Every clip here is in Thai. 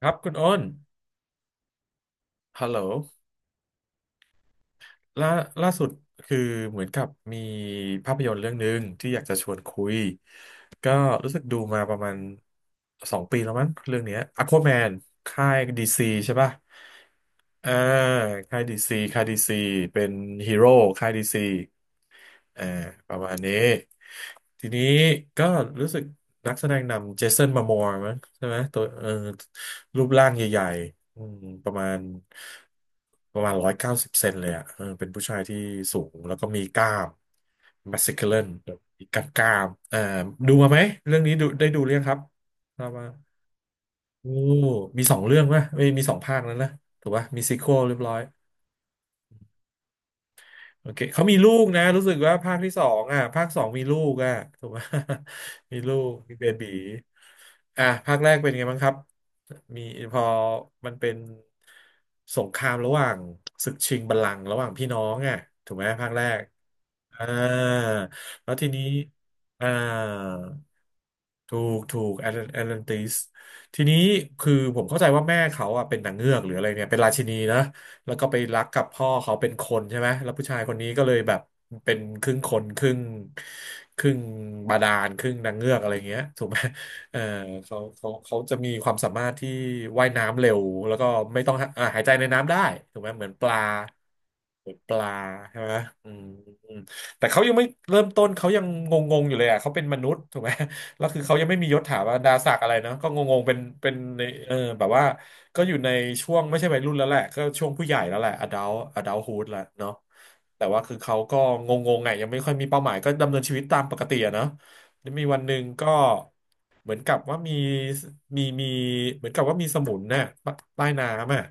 ครับคุณอ้นฮัลโหลล่าล่าสุดคือเหมือนกับมีภาพยนตร์เรื่องหนึ่งที่อยากจะชวนคุย ก็รู้สึกดูมาประมาณสองปีแล้วมั้งเรื่องเนี้ย Aquaman ค่ายดีซีใช่ป่ะอ่าค่ายดีซีเป็นฮีโร่ค่ายดีซี เออประมาณนี้ทีนี้ก็รู้สึกนักแสดงนำเจสันมามัวร์มั้งใช่ไหมตัวรูปร่างใหญ่ๆประมาณร้อยเก้าสิบเซนเลยอ่ะเออเป็นผู้ชายที่สูงแล้วก็มีกล้ามมัสคิลเลนมีกล้ามอ่าดูมาไหมเรื่องนี้ดูได้ดูเรื่องครับทราบว่าโอ้มีสองเรื่องไหมไม่มีสองภาคแล้วนะถูกป่ะมีซีควอลเรียบร้อย โอเค เขามีลูกนะ รู้สึกว่าภาคที่สองอ่ะภาคสองมีลูกอ่ะถูกไหม มีลูก มีเบบีอ่ะภาคแรกเป็นไงบ้างครับ มีพอมันเป็นสงครามระหว่างศึกชิงบัลลังก์ระหว่างพี่น้องอ่ะถูกไหมภาคแรก อ่าแล้วทีนี้อ่าถูกแอตแลนติสทีนี้คือผมเข้าใจว่าแม่เขาอ่ะเป็นนางเงือกหรืออะไรเนี่ยเป็นราชินีนะแล้วก็ไปรักกับพ่อเขาเป็นคนใช่ไหมแล้วผู้ชายคนนี้ก็เลยแบบเป็นครึ่งคนครึ่งครึ่งบาดาลครึ่งนางเงือกอะไรเงี้ยถูกไหมเออเขาจะมีความสามารถที่ว่ายน้ำเร็วแล้วก็ไม่ต้องหาหายใจในน้ำได้ถูกไหมเหมือนปลาเหมือนปลาใช่ไหมอืม แต่เขายังไม่เริ่มต้นเขายังงงๆอยู่เลยอ่ะเขาเป็นมนุษย์ถูกไหม แล้วคือเขายังไม่มียศถาบรรดาศักดิ์อะไรเนาะก็งงๆเป็นในแบบว่าก็อยู่ในช่วงไม่ใช่วัยรุ่นแล้วแหละก็ช่วงผู้ใหญ่แล้วแหละ adult adulthood แล้วเนาะแต่ว่าคือเขาก็งงๆไงยังไม่ค่อยมีเป้าหมายก็ดำเนินชีวิตตามปกติอะเนาะแล้วมีวันหนึ่งก็เหมือนกับว่ามีมีมีเหมือนกับว่ามีสมุนน่ะใต้น้ำอ่ะ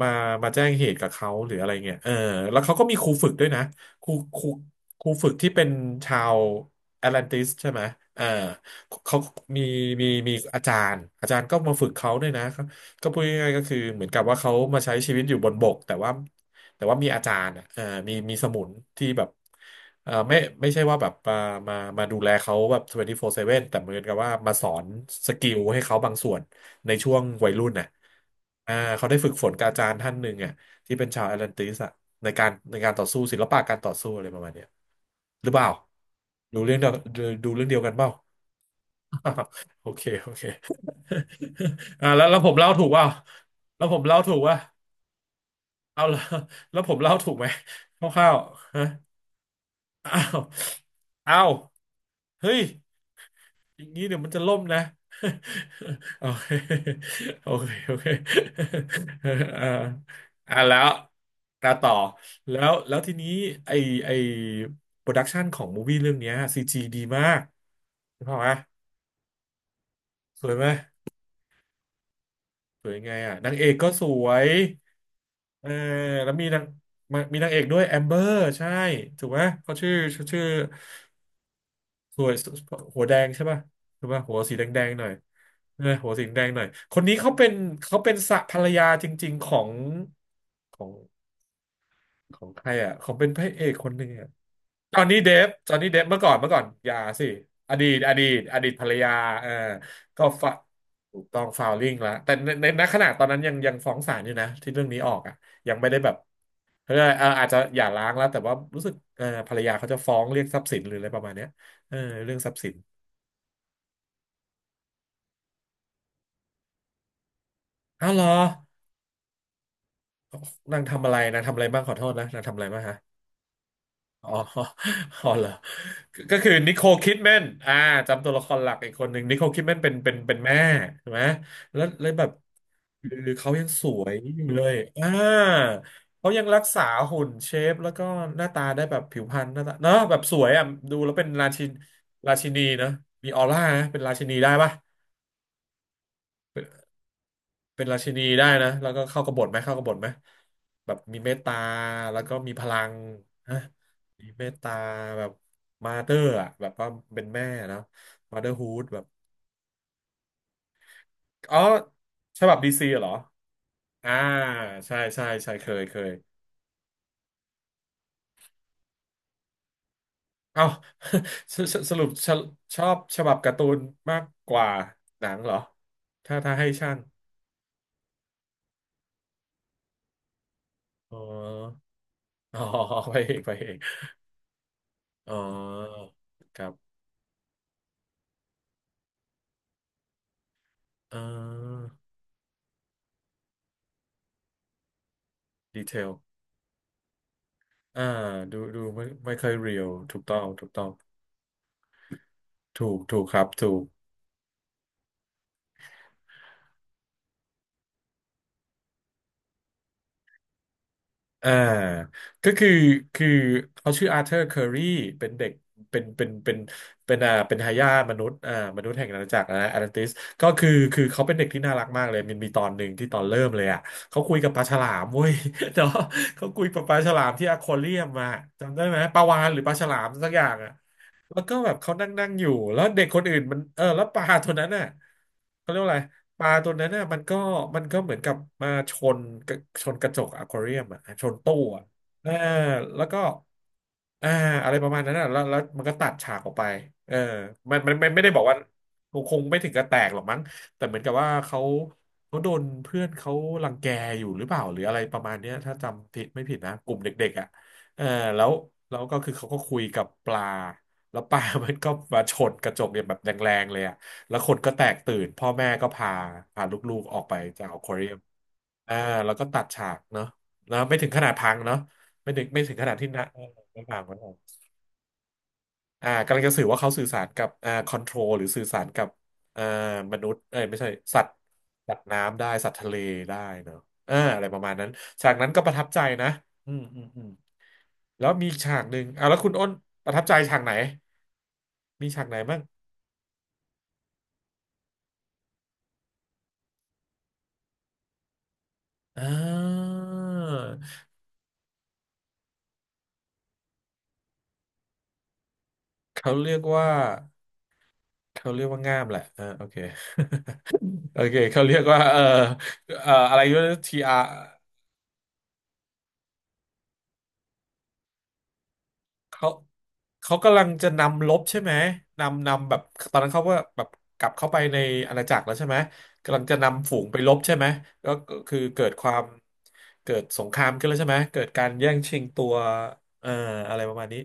มามาแจ้งเหตุกับเขาหรืออะไรเงี้ยเออแล้วเขาก็มีครูฝึกด้วยนะครูครูฝึกที่เป็นชาวแอตแลนติสใช่ไหมอ่าเขามีมีอาจารย์ อาจารย์ก็มาฝึกเขาด้วยนะเขาก็พูดง่ายๆก็คือ เหมือนกับว่าเขามาใช้ชีวิตอยู่บนบกแต่ว่ามีอาจารย์อ่ะมีสมุนที่แบบไม่ใช่ว่าแบบมาดูแลเขาแบบ24/7แต่เหมือนกับว่ามาสอนสกิลให้เขาบางส่วนในช่วงวัยรุ่นน่ะอ่าเขาได้ฝึกฝนกับอาจารย์ท่านหนึ่งอ่ะ ที่เป็นชาวแอตแลนติสอะในการต่อสู้ศิลปะการต่อสู้อะไรประมาณเนี้ยหรือเปล่าดูเรื่องเดียวเรื่องเดียวกันเปล่า โอเค อ่าแล้วผมเล่าถูกเปล่าแล้วผมเล่าถูกว่าเอาแล้วแล้วผมเล่าถูกไหมคร่าวๆฮะอ้าวอ้าวเฮ้ย อย่างนี้เดี๋ยวมันจะล่มนะ โอเคโอเคโอเค อ่าแล้วตาต่อแล้วทีนี้ไอไอโปรดักชันของมูวี่เรื่องเนี้ยซีจีดีมากเห็นเปล่าวะสวยไหม สวยยังไงอ่ะนางเอกก็สวยเออแล้วมีนางนางเอกด้วยแอมเบอร์ใช่ถูกไหมเขาชื่อชื่อ สวยหัวแดงใช่ป่ะถูกป่ะหัวสีแดงๆหน่อยเออหัวสีแดงหน่อยคนนี้เขาเป็นสะภรรยาจริงๆของของของใครอ่ะของเป็นพระเอกคนหนึ่งอ่ะจอห์นนี่เดฟเมื่อก่อนอย่าสิอดีตภรรยาเออก็ฟะถูกต้องฟาวลิ่งแล้วแต่ในณขณะตอนนั้นยังฟ้องศาลอยู่นะที่เรื่องนี้ออกอ่ะยังไม่ได้แบบเออาจจะหย่าร้างแล้วแต่ว่ารู้สึกเออภรรยาเขาจะฟ้องเรียกทรัพย์สินหรืออะไรประมาณเนี้ยเออเรื่องทรัพย์สิน อ้าวเหรอนางทำอะไรนางทำอะไรบ้างขอโทษนะนางทำอะไรบ้างฮะ อ๋อ อ๋อเหรอก็คือนิโคลคิดแมนอ่าจำตัวละครหลักอีกคนหนึ่งนิโคลคิดแมนเป็นแม่ใช่ไหมแล้วเลยแบบคือเขายังสวยอยู่เลยอ่าเขายังรักษาหุ่นเชฟแล้วก็หน้าตาได้แบบผิวพรรณหน้าตาเนาะแบบสวยอ่ะดูแล้วเป็นราชินราชินีเนาะมีออร่านะเป็นราชินีได้ปะ เป็นราชินีได้นะแล้วก็เข้ากบฏไหมเข้ากบฏไหมแบบมีเมตตา แล้วก็มีพลังฮะมีเมตตาแบบมาเตอร์อะแบบว่าเป็นแม่นะมาเตอร์ฮูดแบบอ๋อฉบับดีซีเหรออ่าใช่ใช่ใช่เคยเคยเอ้า สสรุปชอบชอบฉบับการ์ตูนมากกว่าหนังเหรอถ้าให้ช่างอ๋อ อ๋อไปเองอ๋อครับอ่อดีเทล อ่าดูไม่ค่อยเรียวถูกต้องถูกครับถูกอ่าก็คือคือเขาชื่ออาร์เธอร์เคอรีเป็นเด็กเป็นเป็นเป็นเป็นอ่าเป็นทายาทมนุษย์อ่ามนุษย์แห่งอาณาจักรนะแอตแลนติสก็คือเขาเป็นเด็กที่น่ารักมากเลยมันมีตอนหนึ่งที่ตอนเริ่มเลยอ่ะเขาคุยกับปลาฉลามเว้ย เนาะเขาคุยกับปลาฉลามที่อควาเรียมมาจำได้ไหมปลาวาฬหรือปลาฉลามสักอย่างอ่ะ แล้วก็แบบเขานั่งนั่งอยู่แล้วเด็กคนอื่นมันเออแล้วปลาตัวนั้นน่ะเขาเรียกว่าอะไรปลาตัวนั้นน่ะมันก็เหมือนกับมาชนกระจกอควาเรียมอ่ะชนตู้อ่ะเออแล้วก็อ่าอะไรประมาณนั้นน่ะแล้วมันก็ตัดฉากออกไปเออมันไม่ได้บอกว่าคงไม่ถึงกับแตกหรอกมั้งแต่เหมือนกับว่าเขาโดนเพื่อนเขารังแกอยู่หรือเปล่าหรืออะไรประมาณเนี้ยถ้าจำผิดไม่ผิดนะกลุ่มเด็กๆอ่ะเออแล้วแล้วก็คือเขาก็คุยกับปลา แล้วปลา มันก็มาชนกระจกเนี่ยแบบแรงๆเลยอะแล้วคนก็แตกตื่นพ่อแม่ก็พาลูกๆออกไปจากอควาเรียมอ่าแล้วก็ตัดฉากเนาะนะไม่ถึงขนาดพังเนาะไม่ถึงขนาดที่นะเออไม่พังอ่ากำลังจะสื่อว่าเขาสื่อสารกับอ่าคอนโทรลหรือสื่อสารกับอ่ามนุษย์เอ้ยไม่ใช่สัตว์น้ำได้สัตว์ทะเลได้เนาะอ่าอะไรประมาณนั้นฉากนั้นก็ประทับใจนะอืมอืมอืมแล้วมีฉากหนึ่งอ่าแล้วคุณอ้นประทับใจฉากไหนมีฉากไหนบ้าง อ่าเขาเรียกว่าเขาเรียกว่าง่ามแหละอ่าโอเคโอเคเขาเรียกว่าเอ่อเอ่ออะไรวาทีอาร์ เขากำลังจะนำลบใช่ไหมนำแบบตอนนั้นเขาว่าแบบกลับเข้าไปในอาณาจักรแล้วใช่ไหมกำลังจะนำฝูงไปลบใช่ไหมก็คือเกิดความเกิดสงครามขึ้นแล้วใช่ไหมเกิดการแย่งชิงตัวเอ่ออะไรประมาณนี้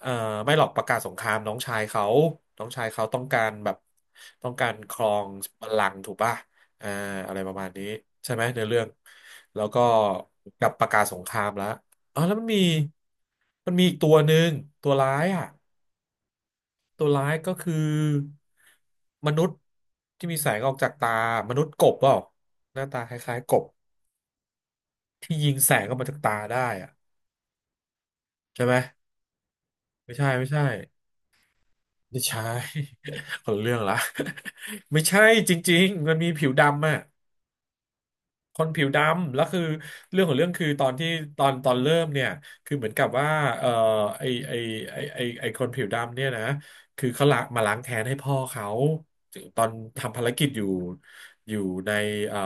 เอ่อไม่หรอกประกาศสงครามน้องชายเขาน้องชายเขาต้องการแบบต้องการครองบัลลังก์ถูกป่ะเอ่ออะไรประมาณนี้ใช่ไหมในเรื่องแล้วก็กับประกาศสงครามแล้ว อ๋อแล้วมันมีอีกตัวหนึ่งตัวร้ายอ่ะตัวร้ายก็คือมนุษย์ที่มีแสงออกจากตามนุษย์กบเปล่าหน้าตาคล้ายๆกบที่ยิงแสงออกมาจากตาได้อ่ะใช่ไหมไม่ใช่ไม่ใช่ คนละเรื่องละ ไม่ใช่จริงๆมันมีผิวดำอ่ะ คนผิวดำแล้วคือเรื่องของเรื่องคือตอนที่ตอนเริ่มเนี่ยคือเหมือนกับว่าเออไอไอไอคนผิวดำเนี่ยนะคือเขาละมาล้างแค้นให้พ่อเขาตอนทำภารกิจอยู่อยู่ในเออ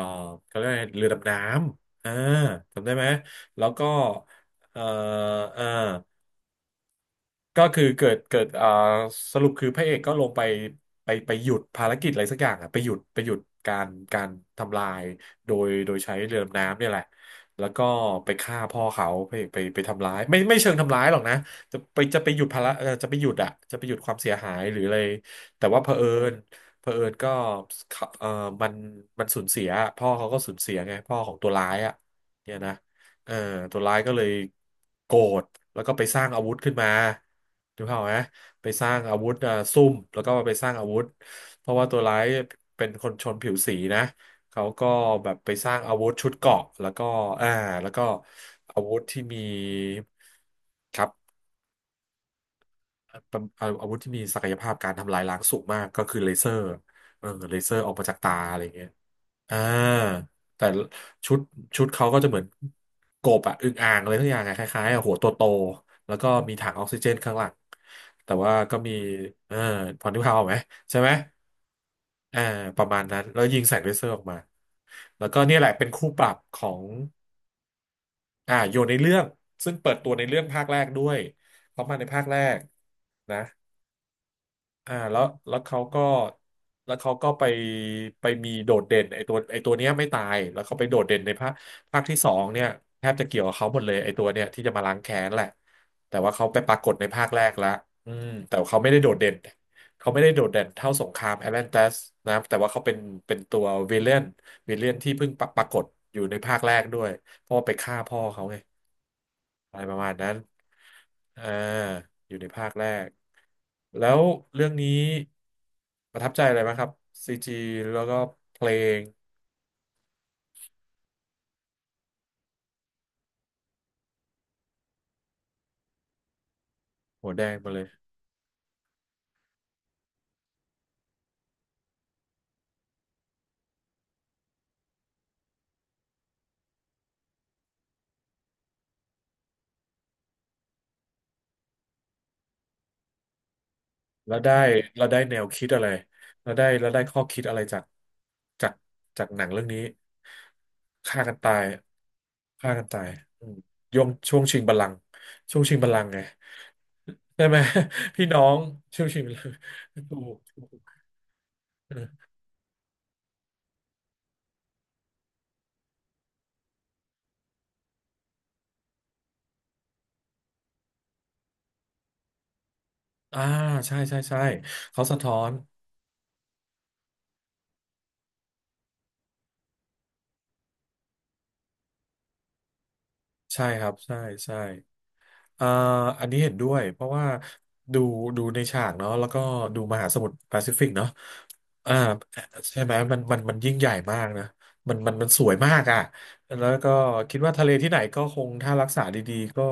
เขาเรียกอะไรเรือดำน้ำอ่าจำได้ไหมแล้วก็เออเออ ก็คือเกิดอ่าสรุปคือพระเอกก็ลงไปไปหยุดภารกิจอะไรสักอย่างอะไปหยุดการการทำลายโดยใช้เรือดำน้ำเนี่ยแหละแล้วก็ไปฆ่าพ่อเขาพระเอกไปทำร้ายไม่เชิงทำร้ายหรอกนะจะไปหยุดภาระเอ่อจะไปหยุดอะจะไปหยุดความเสียหายหรืออะไรแต่ว่าเผอิญเผอิญก็เขาเออมันสูญเสียพ่อเขาก็สูญเสียไงพ่อของตัวร้ายอะเนี่ยนะ เออตัวร้ายก็เลยโกรธแล้วก็ไปสร้างอาวุธขึ้นมาถูกเปล่าพไหมไปสร้างอาวุธเอ่อซุ่มแล้วก็ไปสร้างอาวุธเพราะว่าตัวร้ายเป็นคนชนผิวสีนะเขาก็แบบไปสร้างอาวุธชุดเกราะแล้วก็อ่าแล้วก็อาวุธที่มีครับเป็นอาวุธที่มีศักยภาพการทำลายล้างสูงมากก็คือเลเซอร์เออเลเซอร์ออกมาจากตาอะไรเงี้ย อ่าแต่ชุดชุดเขาก็จะเหมือนกบอะอึ่งอ่างอะไรทุกอย่างอะคล้ายๆอะหัวโตโตแล้วก็มีถังออกซิเจนข้างหลังแต่ว่าก็มีเออพอนึกภาพออกไหมใช่ไหมอ่าประมาณนั้นแล้วยิงใส่เลเซอร์ออกมาแล้วก็เนี่ยแหละเป็นคู่ปรับของโยนในเรื่องซึ่งเปิดตัวในเรื่องภาคแรกด้วยเพราะมาในภาคแรกนะ อ่าแล้วแล้วเขาก็แล้วเขาก็ไปไปมีโดดเด่นไอตัวเนี้ยไม่ตายแล้วเขาไปโดดเด่นในภาคที่สองเนี่ยแทบจะเกี่ยวกับเขาหมดเลยไอตัวเนี่ยที่จะมาล้างแค้นแหละแต่ว่าเขาไปปรากฏในภาคแรกละอืมแต่เขาไม่ได้โดดเด่นเขาไม่ได้โดดเด่นเท่าสงครามแอตแลนติสนะแต่ว่าเขาเป็นเป็นตัววิลเลนวิลเลนที่เพิ่งปรากฏอยู่ในภาคแรกด้วยเพราะว่าไปฆ่าพ่อเขาไง อะไรประมาณนั้นอ่าอยู่ในภาคแรก แล้วเรื่องนี้ประทับใจอะไรบ้างครับซีจีแล้วก็เพลงหัวแดงมาเลยแล้วได้แล้วได้แนวคิดอะไรแล้วได้ข้อคิดอะไรจากจากจากหนังเรื่องนี้ฆ่ากันตายฆ่ากันตายอืมยงช่วงชิงบัลลังก์ช่วงชิงบัลลังก์ไงใช่ไหม พี่น้องช่วงชิงบัลลังก์ ถูก อ่าใช่ใช่ใช่เขาสะท้อนใช่ครับใช่ใช่ เอ่ออันนี้เห็นด้วยเพราะว่าดูดูในฉากเนาะแล้วก็ดูมหาสมุทรแปซิฟิกเนาะอ่าใช่ไหมมันยิ่งใหญ่มากนะมันสวยมากอ่ะแล้วก็คิดว่าทะเลที่ไหนก็คงถ้ารักษาดีๆก็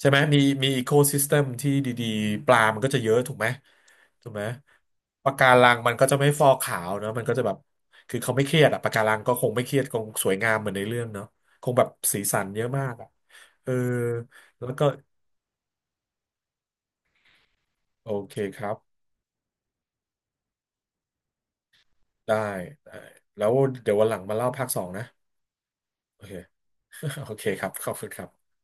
ใช่ไหมมีอีโคซิสเต็มที่ดีๆปลามันก็จะเยอะถูกไหมถูกไหมปะการังมันก็จะไม่ฟอกขาวเนาะมันก็จะแบบคือเขาไม่เครียดอะปะการังก็คงไม่เครียดคงสวยงามเหมือนในเรื่องเนาะคงแบบสีสันเยอะมากอะเออแล้วก็ โอเคครับได้ได้ แล้วเดี๋ยววันหลังมาเล่าภาคสองนะโอเค โอเคครับ ขอบคุณครับ